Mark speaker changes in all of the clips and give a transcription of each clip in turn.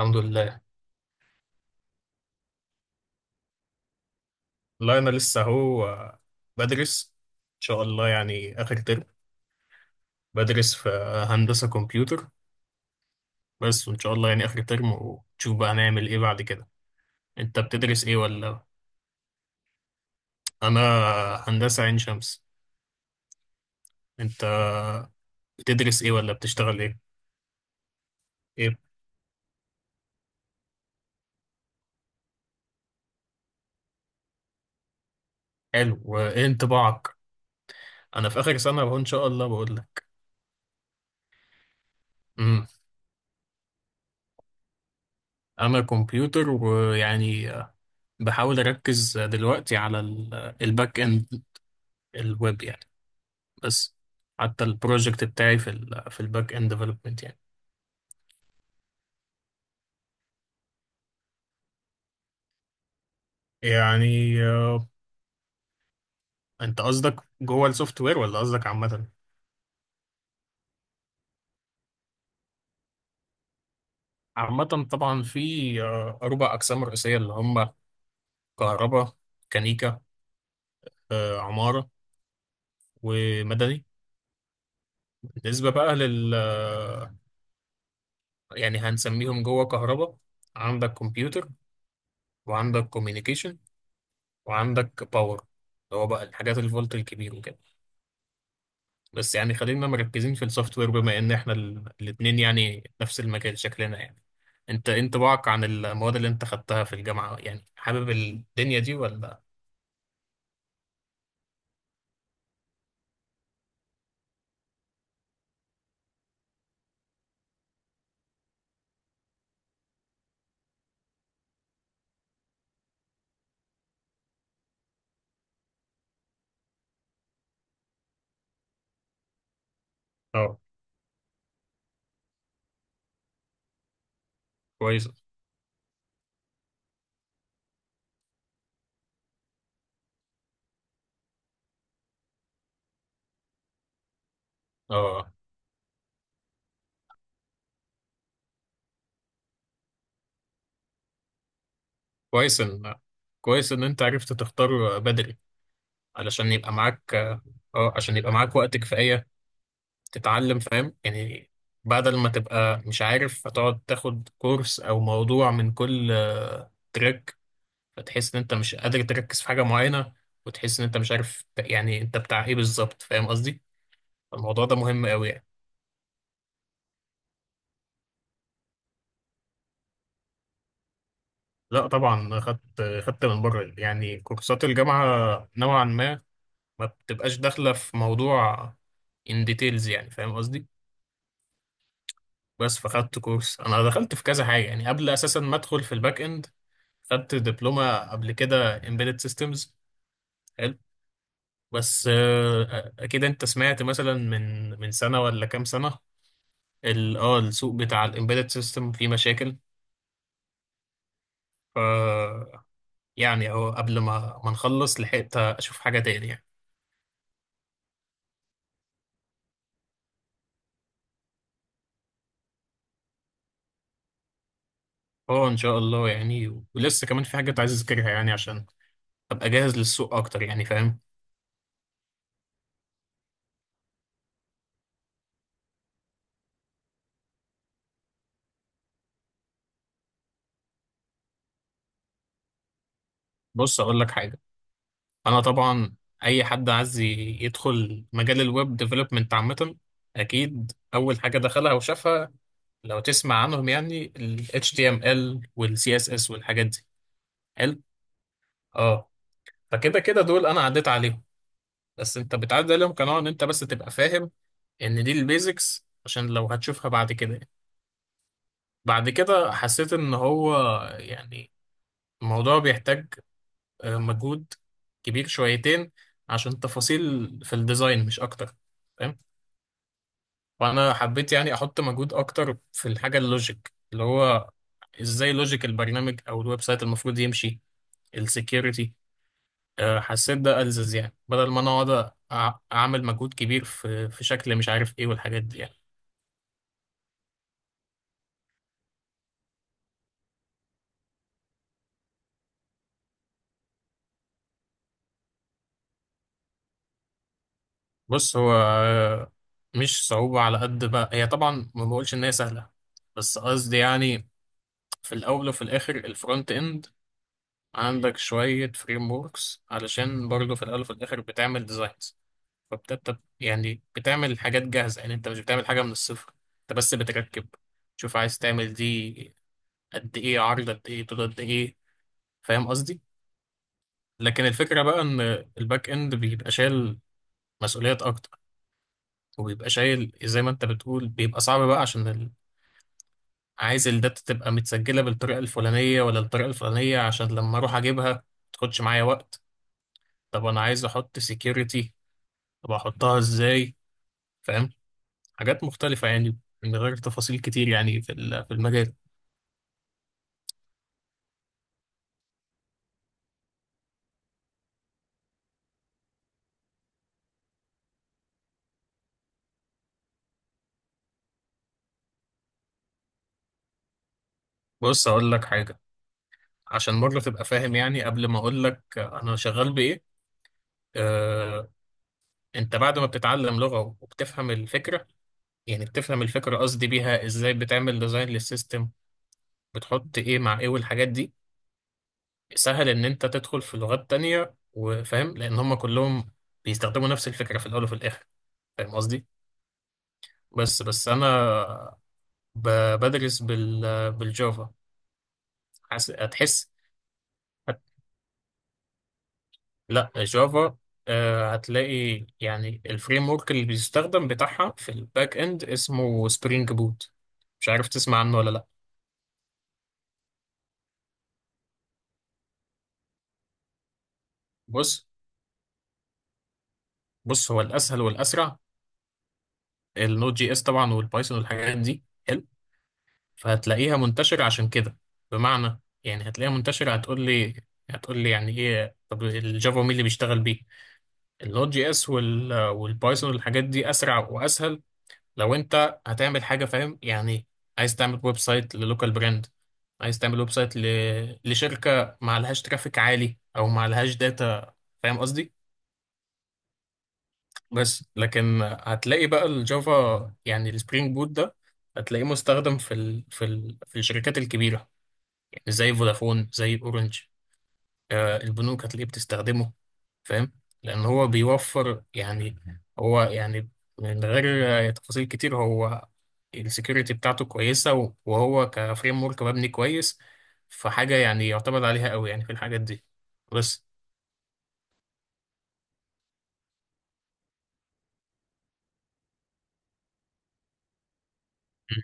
Speaker 1: الحمد لله. لا، أنا لسه أهو، بدرس. إن شاء الله يعني آخر ترم. بدرس في هندسة كمبيوتر، بس وإن شاء الله يعني آخر ترم، ونشوف بقى هنعمل إيه بعد كده. أنت بتدرس إيه ولا... أنا هندسة عين شمس. أنت بتدرس إيه ولا بتشتغل إيه؟ إيه؟ حلو، وإيه انطباعك؟ أنا في آخر سنة أهو، إن شاء الله بقول لك. أمم أنا كمبيوتر، ويعني بحاول أركز دلوقتي على الباك إند، الويب يعني. بس حتى البروجكت بتاعي في ال في الباك اند ديفلوبمنت يعني. يعني انت قصدك جوه السوفت وير ولا قصدك عامة؟ عامة. طبعا في أربع أقسام رئيسية اللي هم كهرباء، ميكانيكا، عمارة، ومدني. بالنسبة بقى لل آه، يعني هنسميهم جوه كهرباء، عندك كمبيوتر، وعندك كوميونيكيشن، وعندك باور، اللي هو بقى الحاجات الفولت الكبير وكده. بس يعني خلينا مركزين في السوفت وير، بما ان احنا الاثنين يعني نفس المجال شكلنا يعني. انت إيه انطباعك عن المواد اللي انت خدتها في الجامعة؟ يعني حابب الدنيا دي ولا... اه كويس. اه كويس ان كويس ان انت عرفت تختار بدري، علشان يبقى معاك اه عشان يبقى معاك وقت كفاية تتعلم. فاهم يعني؟ بدل ما تبقى مش عارف، هتقعد تاخد كورس او موضوع من كل تراك، فتحس ان انت مش قادر تركز في حاجه معينه، وتحس ان انت مش عارف يعني انت بتاع ايه بالظبط. فاهم قصدي؟ الموضوع ده مهم قوي يعني. لا طبعا، خدت من بره، يعني كورسات الجامعه نوعا ما بتبقاش داخله في موضوع ان ديتيلز يعني. فاهم قصدي؟ بس فخدت كورس، انا دخلت في كذا حاجه يعني قبل اساسا ما ادخل في الباك اند، خدت دبلومه قبل كده embedded systems. حلو. بس اكيد انت سمعت مثلا من سنه ولا كام سنه، السوق بتاع الامبيدد سيستم فيه مشاكل. ف يعني اهو قبل ما نخلص لحقت اشوف حاجه تاني يعني. اه، ان شاء الله يعني، ولسه كمان في حاجات عايز اذاكرها يعني عشان ابقى جاهز للسوق اكتر يعني. فاهم؟ بص اقول لك حاجه. انا طبعا، اي حد عايز يدخل مجال الويب ديفلوبمنت عامه، اكيد اول حاجه دخلها وشافها، لو تسمع عنهم يعني، ال HTML وال CSS والحاجات دي. حلو. اه، فكده كده دول انا عديت عليهم، بس انت بتعدي عليهم قناعة ان انت بس تبقى فاهم ان دي البيزكس، عشان لو هتشوفها بعد كده يعني. بعد كده حسيت ان هو يعني الموضوع بيحتاج مجهود كبير شويتين عشان تفاصيل في الديزاين، مش اكتر. فاهم؟ وانا حبيت يعني احط مجهود اكتر في الحاجة اللوجيك، اللي هو ازاي لوجيك البرنامج او الويب سايت المفروض يمشي، السكيورتي. حسيت ده ألزز، يعني بدل ما انا اقعد اعمل مجهود كبير في شكل مش عارف ايه والحاجات دي يعني. بص هو مش صعوبة على قد ما هي، طبعا ما بقولش إن هي سهلة، بس قصدي يعني في الأول وفي الآخر الفرونت إند عندك شوية فريم وركس، علشان برضه في الأول وفي الآخر بتعمل ديزاينز، يعني بتعمل حاجات جاهزة، يعني أنت مش بتعمل حاجة من الصفر، أنت بس بتركب، تشوف عايز تعمل دي قد إيه عرض، قد إيه طول، قد إيه. فاهم قصدي؟ لكن الفكرة بقى إن الباك إند بيبقى شايل مسؤوليات أكتر، وبيبقى شايل زي ما انت بتقول، بيبقى صعب بقى عشان عايز الداتا تبقى متسجلة بالطريقة الفلانية ولا الطريقة الفلانية، عشان لما أروح أجيبها ما تاخدش معايا وقت. طب أنا عايز أحط سيكيورتي، طب أحطها إزاي؟ فاهم؟ حاجات مختلفة يعني، من غير تفاصيل كتير يعني في المجال. بص أقول لك حاجة، عشان مرة تبقى فاهم يعني قبل ما أقول لك أنا شغال بإيه. آه، أنت بعد ما بتتعلم لغة وبتفهم الفكرة، يعني بتفهم الفكرة، قصدي بيها إزاي بتعمل ديزاين للسيستم، بتحط إيه مع إيه والحاجات دي، سهل ان انت تدخل في لغات تانية وفاهم، لان هم كلهم بيستخدموا نفس الفكرة في الاول وفي الاخر. فاهم قصدي؟ بس انا بدرس بالجافا. حس... هتحس هت... لا، جافا. هتلاقي يعني الفريم ورك اللي بيستخدم بتاعها في الباك اند اسمه سبرينج بوت. مش عارف تسمع عنه ولا لا؟ بص بص هو الاسهل والاسرع، النوت جي اس طبعا والبايثون والحاجات دي حلو، فهتلاقيها منتشرة عشان كده. بمعنى يعني هتلاقيها منتشرة، هتقول لي، يعني ايه طب الجافا مين اللي بيشتغل بيه؟ اللوت جي اس والبايثون والحاجات دي اسرع واسهل لو انت هتعمل حاجة. فاهم يعني؟ عايز تعمل ويب سايت للوكال براند، عايز تعمل ويب سايت لشركة ما لهاش ترافيك عالي او ما لهاش داتا. فاهم قصدي؟ بس لكن هتلاقي بقى الجافا، يعني السبرينج بوت ده، هتلاقيه مستخدم في الشركات الكبيرة، زي فودافون، زي اورنج، البنوك هتلاقيه بتستخدمه. فاهم؟ لان هو بيوفر يعني، هو يعني، من غير تفاصيل كتير، هو السكيورتي بتاعته كويسة، وهو كفريم ورك مبني كويس، فحاجة يعني يعتمد عليها قوي يعني في الحاجات دي. بس. مم.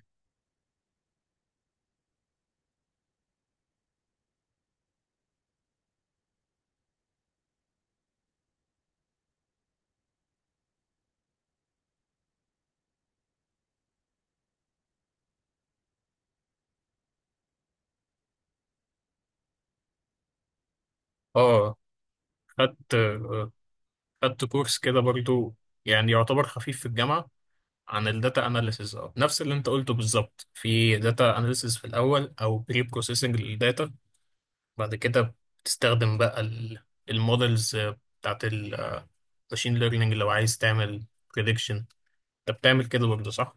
Speaker 1: اه، خدت آه، خدت كورس كده برضو، يعني يعتبر خفيف في الجامعة، عن الداتا اناليسز. اه، نفس اللي انت قلته بالظبط، في داتا اناليسز في الاول او بري بروسيسنج للداتا، بعد كده بتستخدم بقى المودلز بتاعت الماشين ليرنينج لو عايز تعمل بريدكشن. انت بتعمل كده برضه صح؟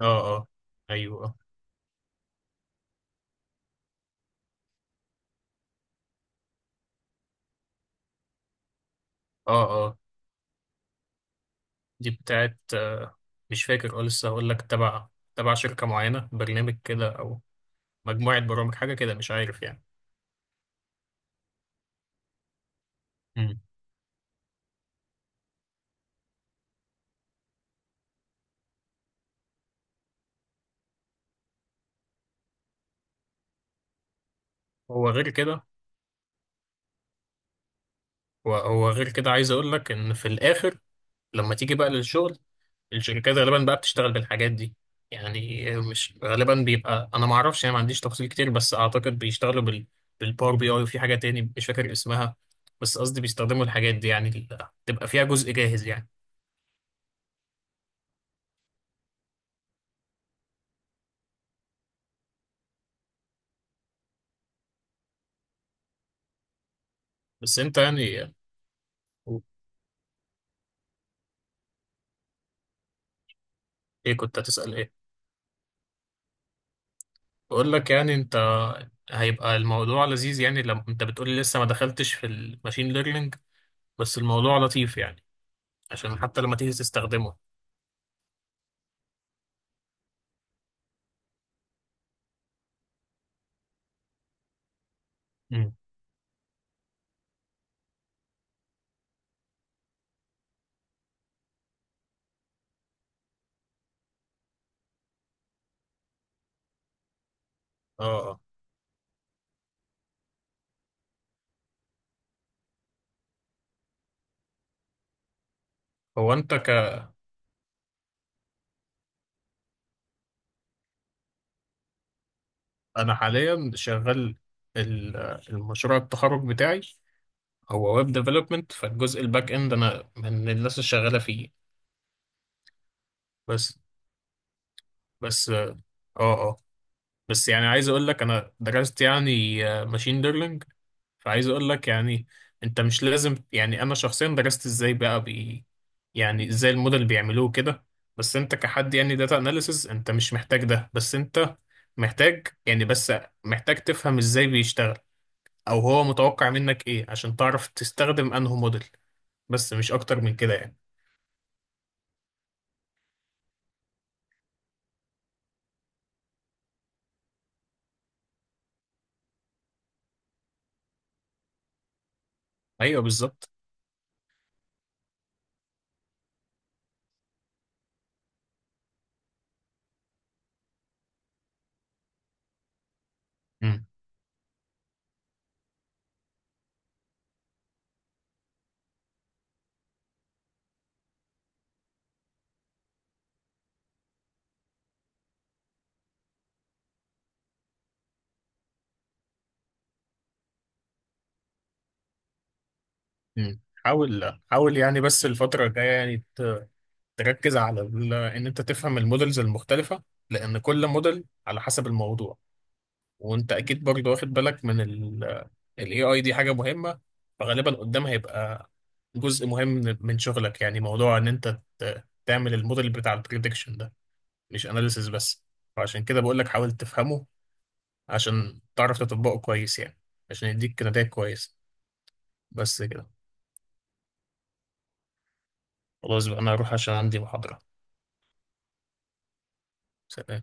Speaker 1: اه، اه، ايوه، اه، اه، اه. دي بتاعت مش فاكر. اه، لسه هقول لك، تبع شركة معينة، برنامج كده، او مجموعة برامج، حاجة كده، مش عارف يعني. مم. هو غير كده، هو غير كده. عايز اقول لك ان في الاخر لما تيجي بقى للشغل، الشركات غالبا بقى بتشتغل بالحاجات دي، يعني مش غالبا بيبقى، انا ما اعرفش يعني، ما عنديش تفاصيل كتير، بس اعتقد بيشتغلوا بالباور بي اي، وفي حاجه تاني مش فاكر اسمها، بس قصدي بيستخدموا الحاجات دي، يعني تبقى فيها جزء جاهز يعني. بس انت يعني، ايه؟ كنت هتسأل ايه؟ بقول لك يعني، انت هيبقى الموضوع لذيذ، يعني لما انت بتقولي لسه ما دخلتش في الماشين ليرنينج، بس الموضوع لطيف يعني، عشان حتى لما تيجي تستخدمه. امم اه. آه. هو انت انا حاليا شغال ال- المشروع التخرج بتاعي، هو ويب ديفلوبمنت، فالجزء الباك اند انا من الناس الشغاله فيه. بس بس اه، اه. بس يعني عايز اقول لك، انا درست يعني ماشين ليرنينج، فعايز اقول لك يعني انت مش لازم، يعني انا شخصيا درست ازاي بقى يعني ازاي الموديل بيعملوه كده، بس انت كحد يعني داتا اناليسز انت مش محتاج ده، بس انت محتاج يعني، بس محتاج تفهم ازاي بيشتغل، او هو متوقع منك ايه عشان تعرف تستخدم انه موديل، بس مش اكتر من كده يعني. ايوه بالظبط. مم. مم. حاول حاول يعني، بس الفترة الجاية يعني تركز على ان انت تفهم المودلز المختلفة، لان كل موديل على حسب الموضوع. وانت اكيد برضه واخد بالك من الاي اي دي، حاجة مهمة، فغالبا قدام هيبقى جزء مهم من شغلك، يعني موضوع ان انت تعمل الموديل بتاع البريدكشن ده، مش اناليسيس بس. فعشان كده بقول لك حاول تفهمه عشان تعرف تطبقه كويس يعني، عشان يديك نتائج كويسة. بس كده. خلاص بقى، أنا هروح عشان عندي محاضرة. سلام.